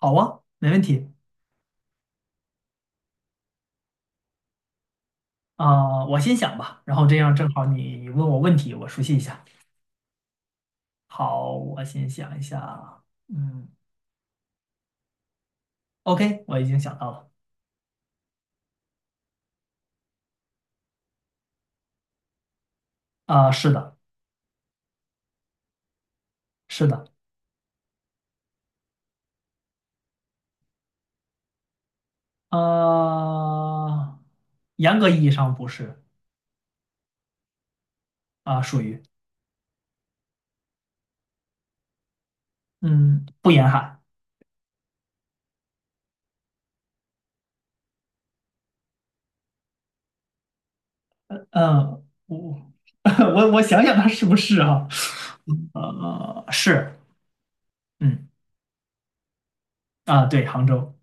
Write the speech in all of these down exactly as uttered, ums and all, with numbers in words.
好啊，没问题。啊，我先想吧，然后这样正好你问我问题，我熟悉一下。好，我先想一下。嗯，OK，我已经想到了。啊，是的，是的。啊，严格意义上不是。啊，属于。嗯，不严海。嗯，我 我我想想它是不是哈、呃，是。嗯。啊，对，杭州。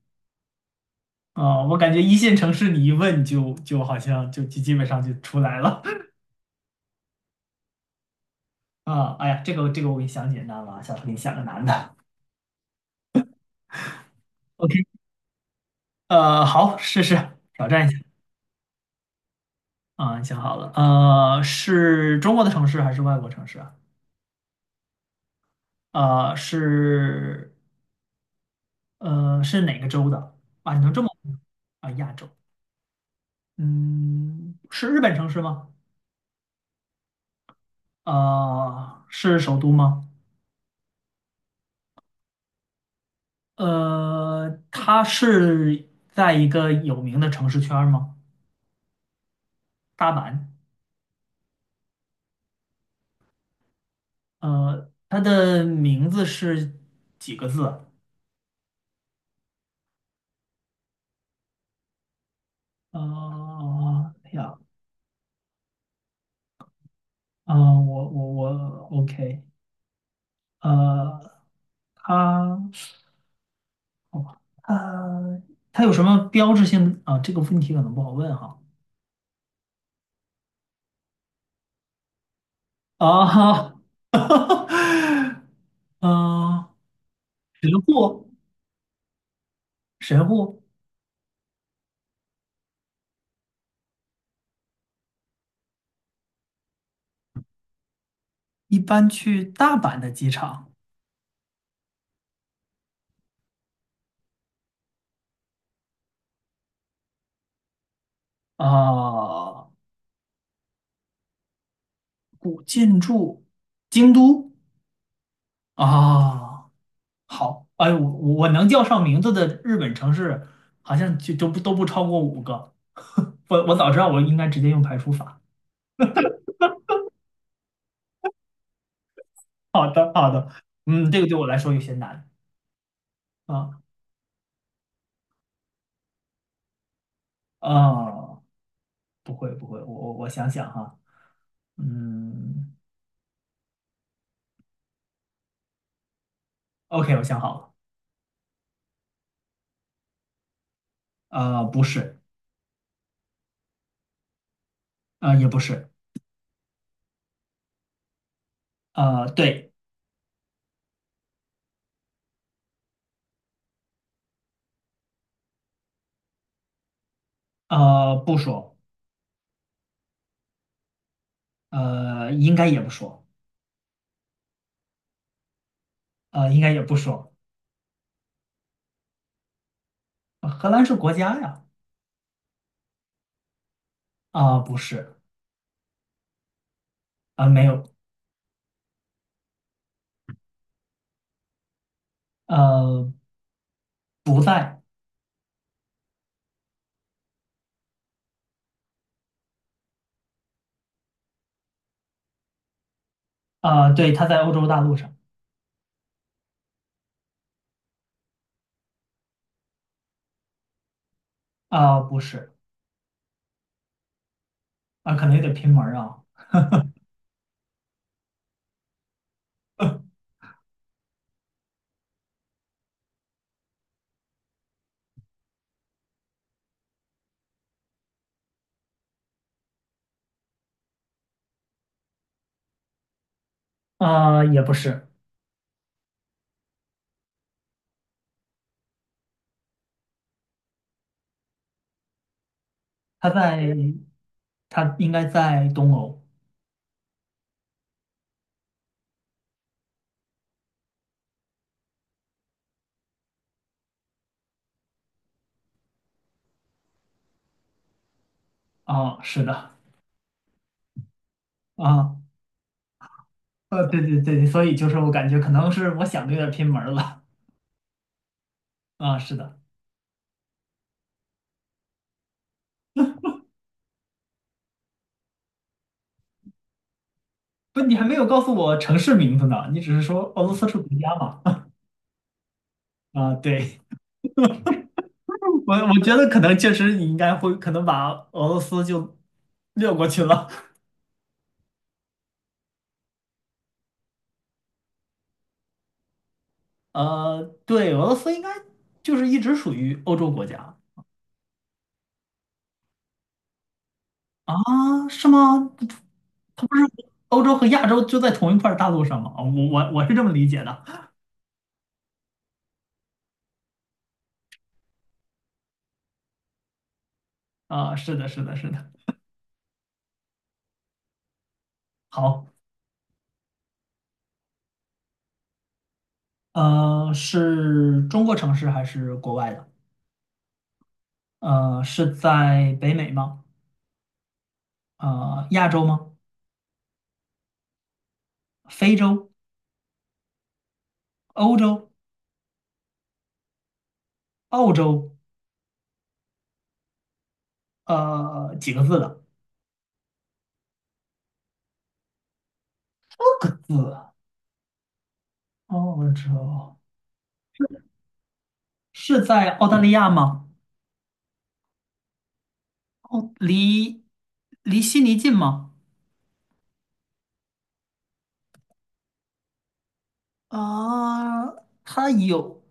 啊，我感觉一线城市你一问就就好像就基基本上就出来了。啊，哎呀，这个这个我给你想简单了啊，下次给你想个难的。OK。呃，好，试试挑战一下。啊，你想好了？呃，是中国的城市还是外国城市啊？呃，是呃是哪个州的啊？你能这么啊？亚洲。嗯，是日本城市吗？啊，是首都吗？呃，它是在一个有名的城市圈儿吗？大阪。呃，它的名字是几个字啊？啊呀，啊，我我我，OK，呃，他，好吧，他他有什么标志性的啊？这个问题可能不好问哈。啊，嗯，神户，神户。一般去大阪的机场。啊，古建筑，京都。啊。好，哎，我我能叫上名字的日本城市，好像就都不都不超过五个。我我早知道我应该直接用排除法。好的，好的。嗯，这个对我来说有些难啊。啊，不会不会，我我我想想哈。嗯，OK，我想好了。呃，不是。呃，也不是。呃，对。呃，不说。呃，应该也不说。呃，应该也不说。荷兰是国家呀。啊，不是。啊，没有。呃，不在。啊，对，他在欧洲大陆上。啊、不是。啊、可能有点偏门儿啊。啊、也不是。他在他应该在东欧。啊、是的。啊、呃，对对对，所以就是我感觉可能是我想的有点偏门儿了。啊、是的。不，你还没有告诉我城市名字呢，你只是说俄罗斯是国家嘛。 啊、对。我我觉得可能确实你应该会可能把俄罗斯就略过去了。呃，对，俄罗斯应该就是一直属于欧洲国家。啊，是吗？它不是欧洲和亚洲就在同一块大陆上吗？啊，我我我是这么理解的。啊，是的，是的，是的。好。呃，是中国城市还是国外的？呃，是在北美吗？呃，亚洲吗？非洲、欧洲、澳洲？呃，几个字的？六个字啊。澳洲。是在澳大利亚吗？哦，离离悉尼近吗？啊，它有。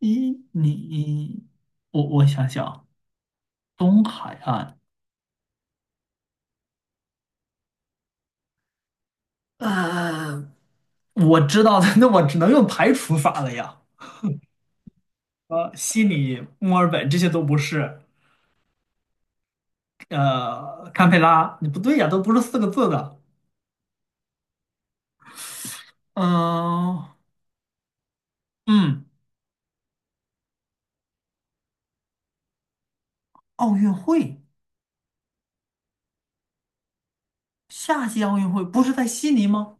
一，你，我我想想。东海岸。呃，我知道的。那我只能用排除法了呀。呃，悉尼、墨尔本这些都不是。呃，堪培拉，你不对呀，都不是四个字的。嗯、嗯，奥运会。夏季奥运会不是在悉尼吗？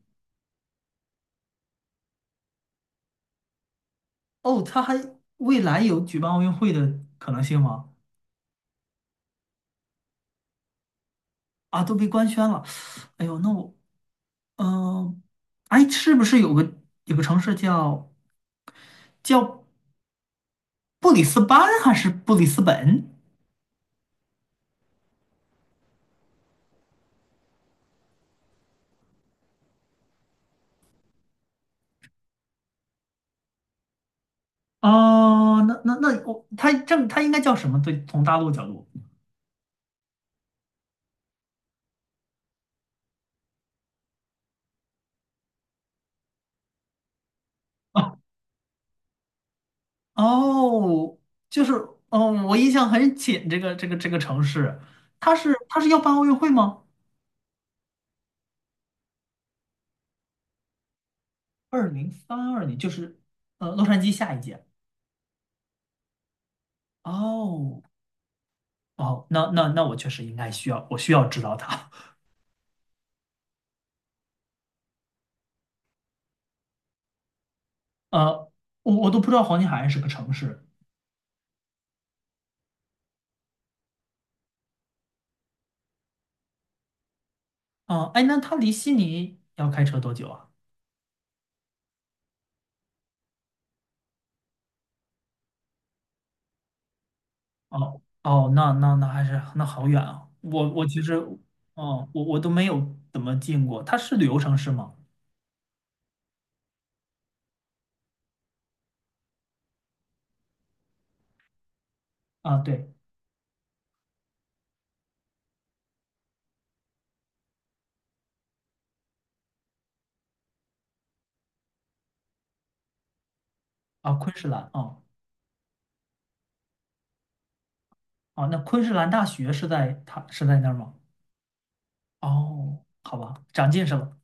哦，他还未来有举办奥运会的可能性吗？啊，都被官宣了。哎呦，那我，嗯、哎，是不是有个有个城市叫叫？布里斯班还是布里斯本？哦，那那那我它这它应该叫什么？对，从大陆角度。哦，就是，哦，我印象很浅，这个这个这个城市，它是它是要办奥运会吗？二零三二年，就是呃洛杉矶下一届。哦哦，那那那我确实应该需要，我需要知道它。呃，我我都不知道黄金海岸是个城市。啊，哎，那它离悉尼要开车多久啊？哦哦，那那那还是那好远啊！我我其实，哦，我我都没有怎么进过。它是旅游城市吗？啊，对。啊，昆士兰啊。啊，那昆士兰大学是在它是在那儿吗？哦，好吧，长见识了，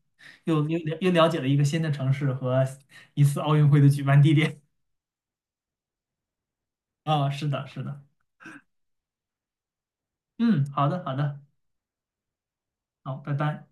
又又了又了解了一个新的城市和一次奥运会的举办地点。啊，是的，是的。嗯，好的，好的。好，拜拜。